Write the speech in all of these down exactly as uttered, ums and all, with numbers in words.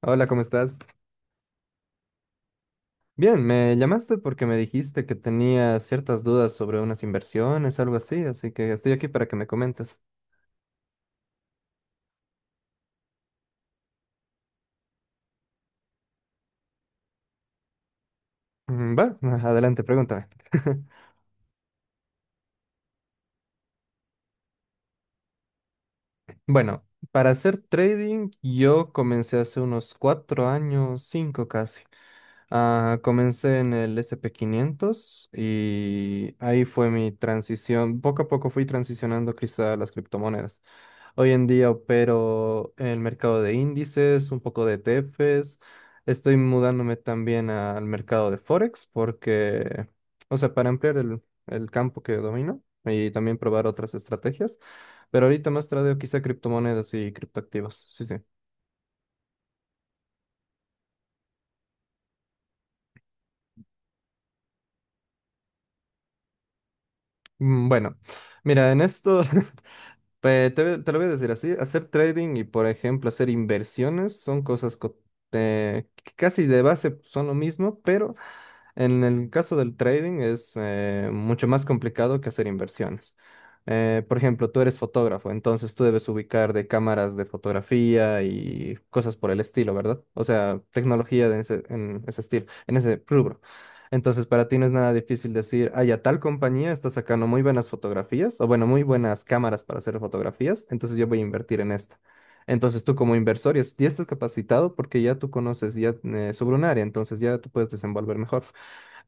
Hola, ¿cómo estás? Bien, me llamaste porque me dijiste que tenía ciertas dudas sobre unas inversiones, algo así, así que estoy aquí para que me comentes. Mm, Va, adelante, pregúntame. Bueno, para hacer trading yo comencé hace unos cuatro años, cinco casi. Ah, comencé en el ese y pe quinientos y ahí fue mi transición. Poco a poco fui transicionando quizá a las criptomonedas. Hoy en día opero en el mercado de índices, un poco de E T Fs. Estoy mudándome también al mercado de Forex porque, o sea, para ampliar el, el campo que domino y también probar otras estrategias. Pero ahorita más tradeo quizá criptomonedas y criptoactivos. Sí, sí. Mm, Bueno, mira, en esto pe- te, te lo voy a decir así, hacer trading y, por ejemplo, hacer inversiones son cosas co- eh, que casi de base son lo mismo, pero en el caso del trading es eh, mucho más complicado que hacer inversiones. Eh, por ejemplo, tú eres fotógrafo, entonces tú debes ubicar de cámaras de fotografía y cosas por el estilo, ¿verdad? O sea, tecnología de ese- en ese estilo, en ese rubro. Entonces, para ti no es nada difícil decir, ay, a tal compañía está sacando muy buenas fotografías, o bueno, muy buenas cámaras para hacer fotografías, entonces yo voy a invertir en esta. Entonces tú como inversor ya, es- ya estás capacitado porque ya tú conoces ya eh, sobre un área, entonces ya tú puedes desenvolver mejor.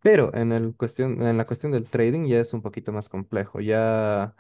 Pero en el cuestión, en la cuestión del trading ya es un poquito más complejo. Ya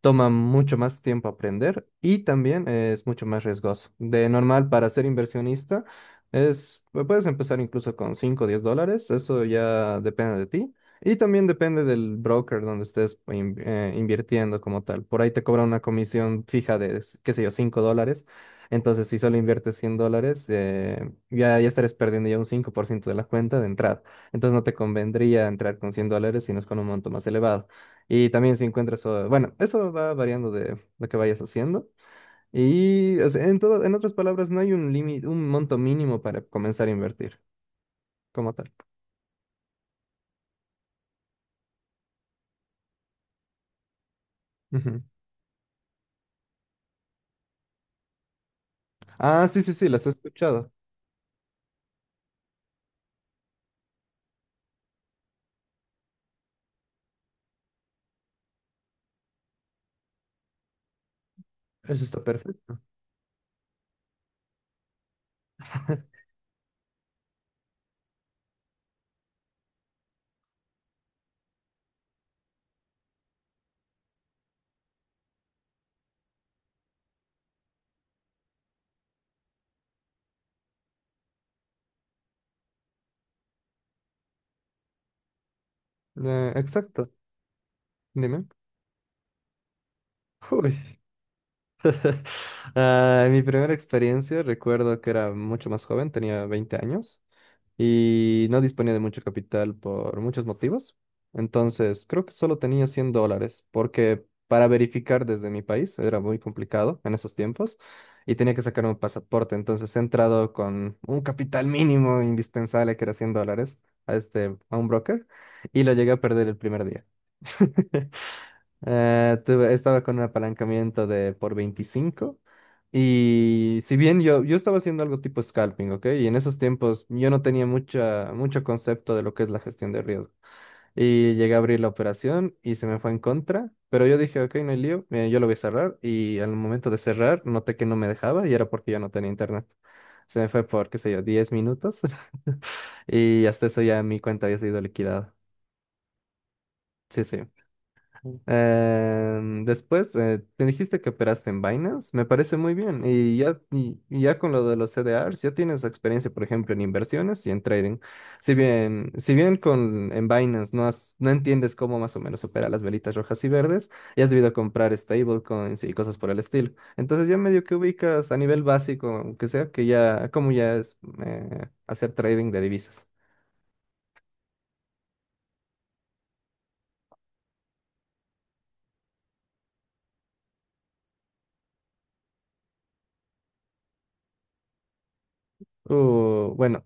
toma mucho más tiempo aprender y también es mucho más riesgoso. De normal, para ser inversionista, es, pu- puedes empezar incluso con cinco o diez dólares, eso ya depende de ti. Y también depende del broker donde estés in- eh, invirtiendo como tal. Por ahí te cobra una comisión fija de, s- qué sé yo, cinco dólares. Entonces, si solo inviertes cien dólares, eh, ya, ya estarás perdiendo ya un cinco por ciento de la cuenta de entrada. Entonces, no te convendría entrar con cien dólares, sino es con un monto más elevado. Y también si encuentras, o- bueno, eso va variando de lo que vayas haciendo. Y o sea, en todo, en otras palabras, no hay un límite, un monto mínimo para comenzar a invertir como tal. Ujú. Ah, sí, sí, sí, las he escuchado. Eso está perfecto. Eh, exacto. Dime. Uy. Ah, mi primera experiencia, recuerdo que era mucho más joven, tenía veinte años, y no disponía de mucho capital por muchos motivos. Entonces, creo que solo tenía cien dólares, porque para verificar desde mi país era muy complicado en esos tiempos y tenía que sacar un pasaporte. Entonces, he entrado con un capital mínimo indispensable, que era cien dólares, a este, a un broker y lo llegué a perder el primer día. Eh, tuve- estaba con un apalancamiento de por veinticinco. Y si bien yo, yo estaba haciendo algo tipo scalping, ¿ok? Y en esos tiempos yo no tenía mucha, mucho concepto de lo que es la gestión de riesgo. Y llegué a abrir la operación y se me fue en contra, pero yo dije, ok, no hay lío, eh, yo lo voy a cerrar. Y al momento de cerrar, noté que no me dejaba y era porque yo no tenía internet. Se me fue por, qué sé yo, diez minutos. Y hasta eso ya mi cuenta había sido liquidada. Sí, sí. Em, después, eh, te dijiste que operaste en Binance, me parece muy bien. Y ya, y, y ya con lo de los C D Rs, ya tienes experiencia, por ejemplo, en inversiones y en trading. Si bien, si bien con, en Binance no, has- no entiendes cómo más o menos opera las velitas rojas y verdes, ya has debido comprar stablecoins y cosas por el estilo. Entonces ya medio que ubicas a nivel básico, aunque sea que ya, como ya es eh, hacer trading de divisas. Uh, bueno,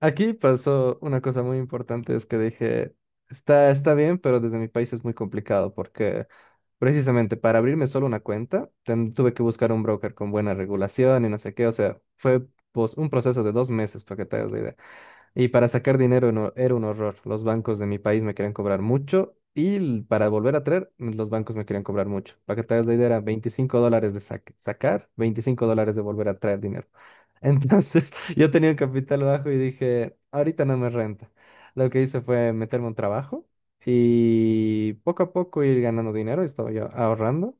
aquí pasó una cosa muy importante, es que dije, está, está bien, pero desde mi país es muy complicado porque precisamente para abrirme solo una cuenta, ten- tuve que buscar un broker con buena regulación y no sé qué, o sea, fue pues, un proceso de dos meses para que te hagas la idea. Y para sacar dinero no- era un horror. Los bancos de mi país me querían cobrar mucho y l- para volver a traer, los bancos me querían cobrar mucho. Para que te hagas la idea, era veinticinco dólares de saque- sacar, veinticinco dólares de volver a traer dinero. Entonces yo tenía un capital bajo y dije, ahorita no me renta. Lo que hice fue meterme a un trabajo y poco a poco ir ganando dinero, estaba yo ahorrando.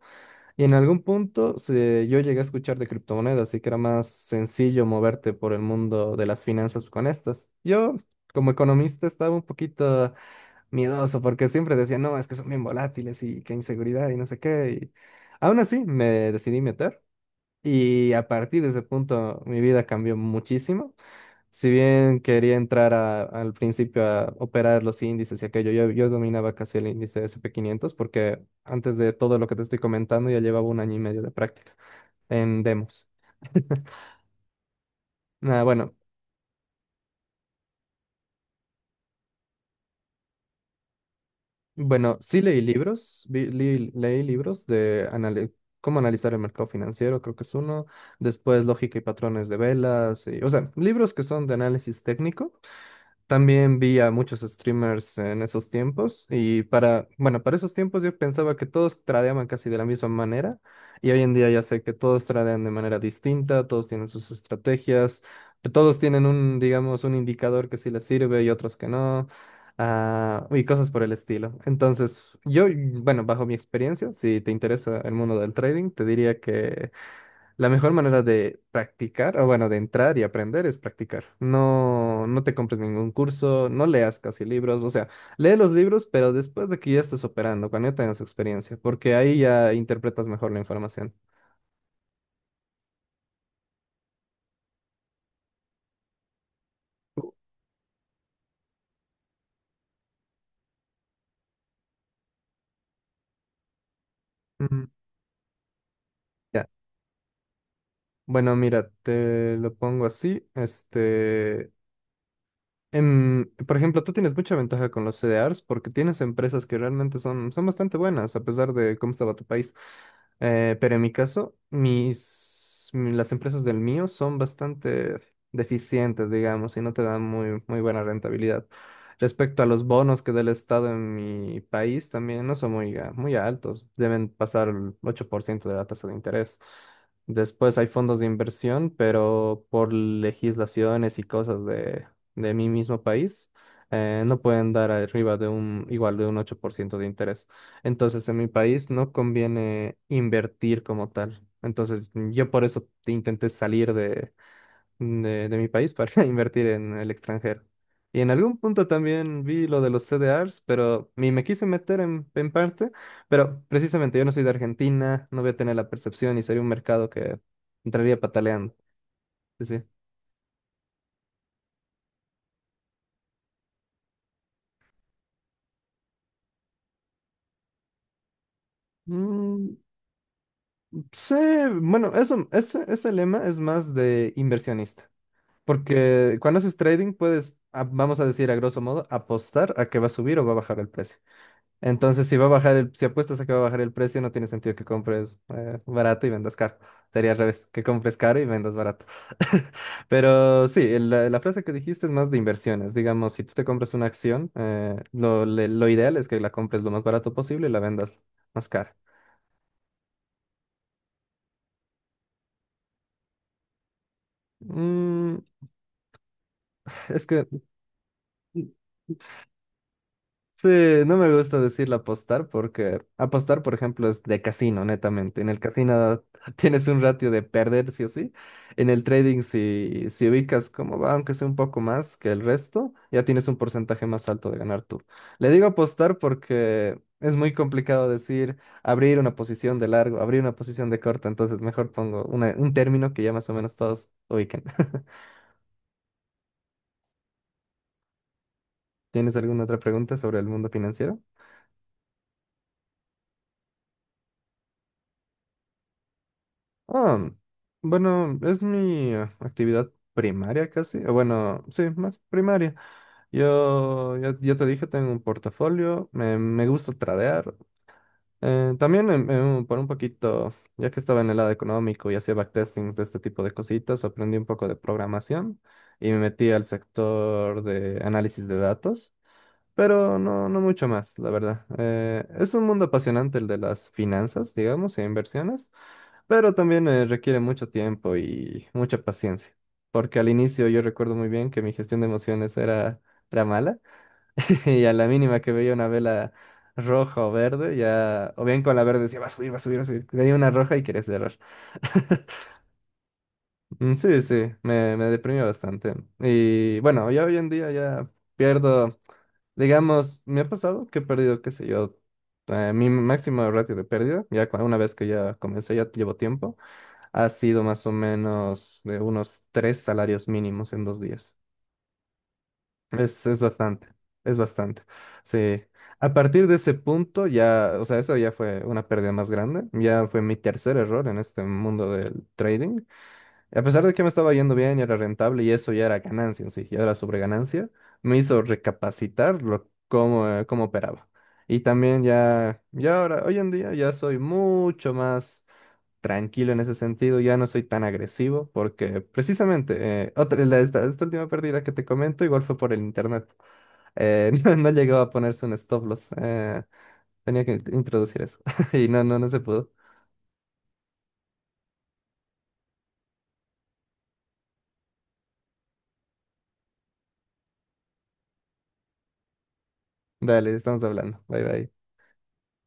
Y en algún punto se- yo llegué a escuchar de criptomonedas, así que era más sencillo moverte por el mundo de las finanzas con estas. Yo, como economista, estaba un poquito miedoso porque siempre decía, no, es que son bien volátiles y qué inseguridad y no sé qué. Y aún así me decidí meter y a partir de ese punto mi vida cambió muchísimo. Si bien quería entrar a- al principio a operar los índices y aquello, yo, yo dominaba casi el índice ese y pe quinientos porque antes de todo lo que te estoy comentando ya llevaba un año y medio de práctica en demos. Nada, bueno, bueno, sí leí libros, vi- li- leí libros de anali- cómo analizar el mercado financiero, creo que es uno, después lógica y patrones de velas, y- o sea, libros que son de análisis técnico. También vi a muchos streamers en esos tiempos y para, bueno, para esos tiempos yo pensaba que todos tradeaban casi de la misma manera y hoy en día ya sé que todos tradean de manera distinta, todos tienen sus estrategias, todos tienen un, digamos, un indicador que sí les sirve y otros que no, ah, y cosas por el estilo. Entonces, yo, bueno, bajo mi experiencia, si te interesa el mundo del trading, te diría que la mejor manera de practicar, o bueno, de entrar y aprender es practicar. No, no te compres ningún curso, no leas casi libros, o sea, lee los libros, pero después de que ya estés operando, cuando ya tengas experiencia, porque ahí ya interpretas mejor la información. Mm, Ya. Bueno, mira, te lo pongo así. Este, Em, por ejemplo, tú tienes mucha ventaja con los C D Rs porque tienes empresas que realmente son, son bastante buenas a pesar de cómo estaba tu país. Eh, pero en mi caso, mis, mi- las empresas del mío son bastante deficientes, digamos, y no te dan muy, muy buena rentabilidad. Respecto a los bonos que da el Estado en mi país, también no son muy, a- muy altos. Deben pasar el ocho por ciento de la tasa de interés. Después hay fondos de inversión, pero por legislaciones y cosas de de mi mismo país, eh, no pueden dar arriba de un, igual de un ocho por ciento de interés. Entonces, en mi país no conviene invertir como tal. Entonces, yo por eso te intenté salir de, de, de mi país para invertir en el extranjero. Y en algún punto también vi lo de los C D Rs, pero ni me quise meter en, en parte, pero precisamente yo no soy de Argentina, no voy a tener la percepción y sería un mercado que entraría pataleando. Sí, sí. Mm, Sí, bueno, eso, ese, ese lema es más de inversionista, porque cuando haces trading puedes, a- vamos a decir a grosso modo, apostar a que va a subir o va a bajar el precio. Entonces, si va a bajar el, si apuestas a que va a bajar el precio, no tiene sentido que compres eh, barato y vendas caro. Sería al revés, que compres caro y vendas barato. Pero sí, el- la, la frase que dijiste es más de inversiones. Digamos, si tú te compras una acción, eh, lo, le- lo ideal es que la compres lo más barato posible y la vendas más cara. Mm, es que... Sí, no me gusta decirle apostar porque apostar, por ejemplo, es de casino, netamente. En el casino tienes un ratio de perder sí o sí. En el trading, si, si ubicas cómo va, aunque sea un poco más que el resto, ya tienes un porcentaje más alto de ganar tú. Le digo apostar porque es muy complicado decir abrir una posición de largo, abrir una posición de corta, entonces mejor pongo una- un término que ya más o menos todos ubiquen. ¿Tienes alguna otra pregunta sobre el mundo financiero? Ah, bueno, es mi eh, actividad primaria casi. eh, Bueno, sí, más primaria. Yo ya, ya te dije, tengo un portafolio, me, me gusta tradear. Eh, también em, em, por un poquito, ya que estaba en el lado económico y hacía backtestings de este tipo de cositas, aprendí un poco de programación y me metí al sector de análisis de datos, pero no, no mucho más, la verdad. Eh, es un mundo apasionante el de las finanzas, digamos, e inversiones. Pero también eh, requiere mucho tiempo y mucha paciencia, porque al inicio yo recuerdo muy bien que mi gestión de emociones era, era mala y a la mínima que veía una vela roja o verde, ya, o bien con la verde decía, va a subir, va a subir, va a subir, veía una roja y quería cerrar. Mm, Sí, sí, me, me deprimió bastante. Y bueno, ya hoy en día ya pierdo, digamos, me ha pasado que he perdido, qué sé yo, eh, mi máximo ratio de pérdida, ya cua- una vez que ya comencé, ya llevo tiempo ha sido más o menos de unos tres salarios mínimos en dos días. Es, es bastante, es bastante. Sí. A partir de ese punto ya, o sea, eso ya fue una pérdida más grande. Ya fue mi tercer error en este mundo del trading. A pesar de que me estaba yendo bien y era rentable y eso ya era ganancia en sí, ya era sobreganancia, me hizo recapacitar lo, cómo, eh, cómo operaba. Y también ya, ya ahora, hoy en día ya soy mucho más tranquilo en ese sentido, ya no soy tan agresivo porque precisamente eh, otra, la- esta, esta última pérdida que te comento igual fue por el internet. Eh, no, no llegó a ponerse un stop loss. Eh, tenía que introducir eso y no, no, no se pudo. Dale, estamos hablando. Bye bye.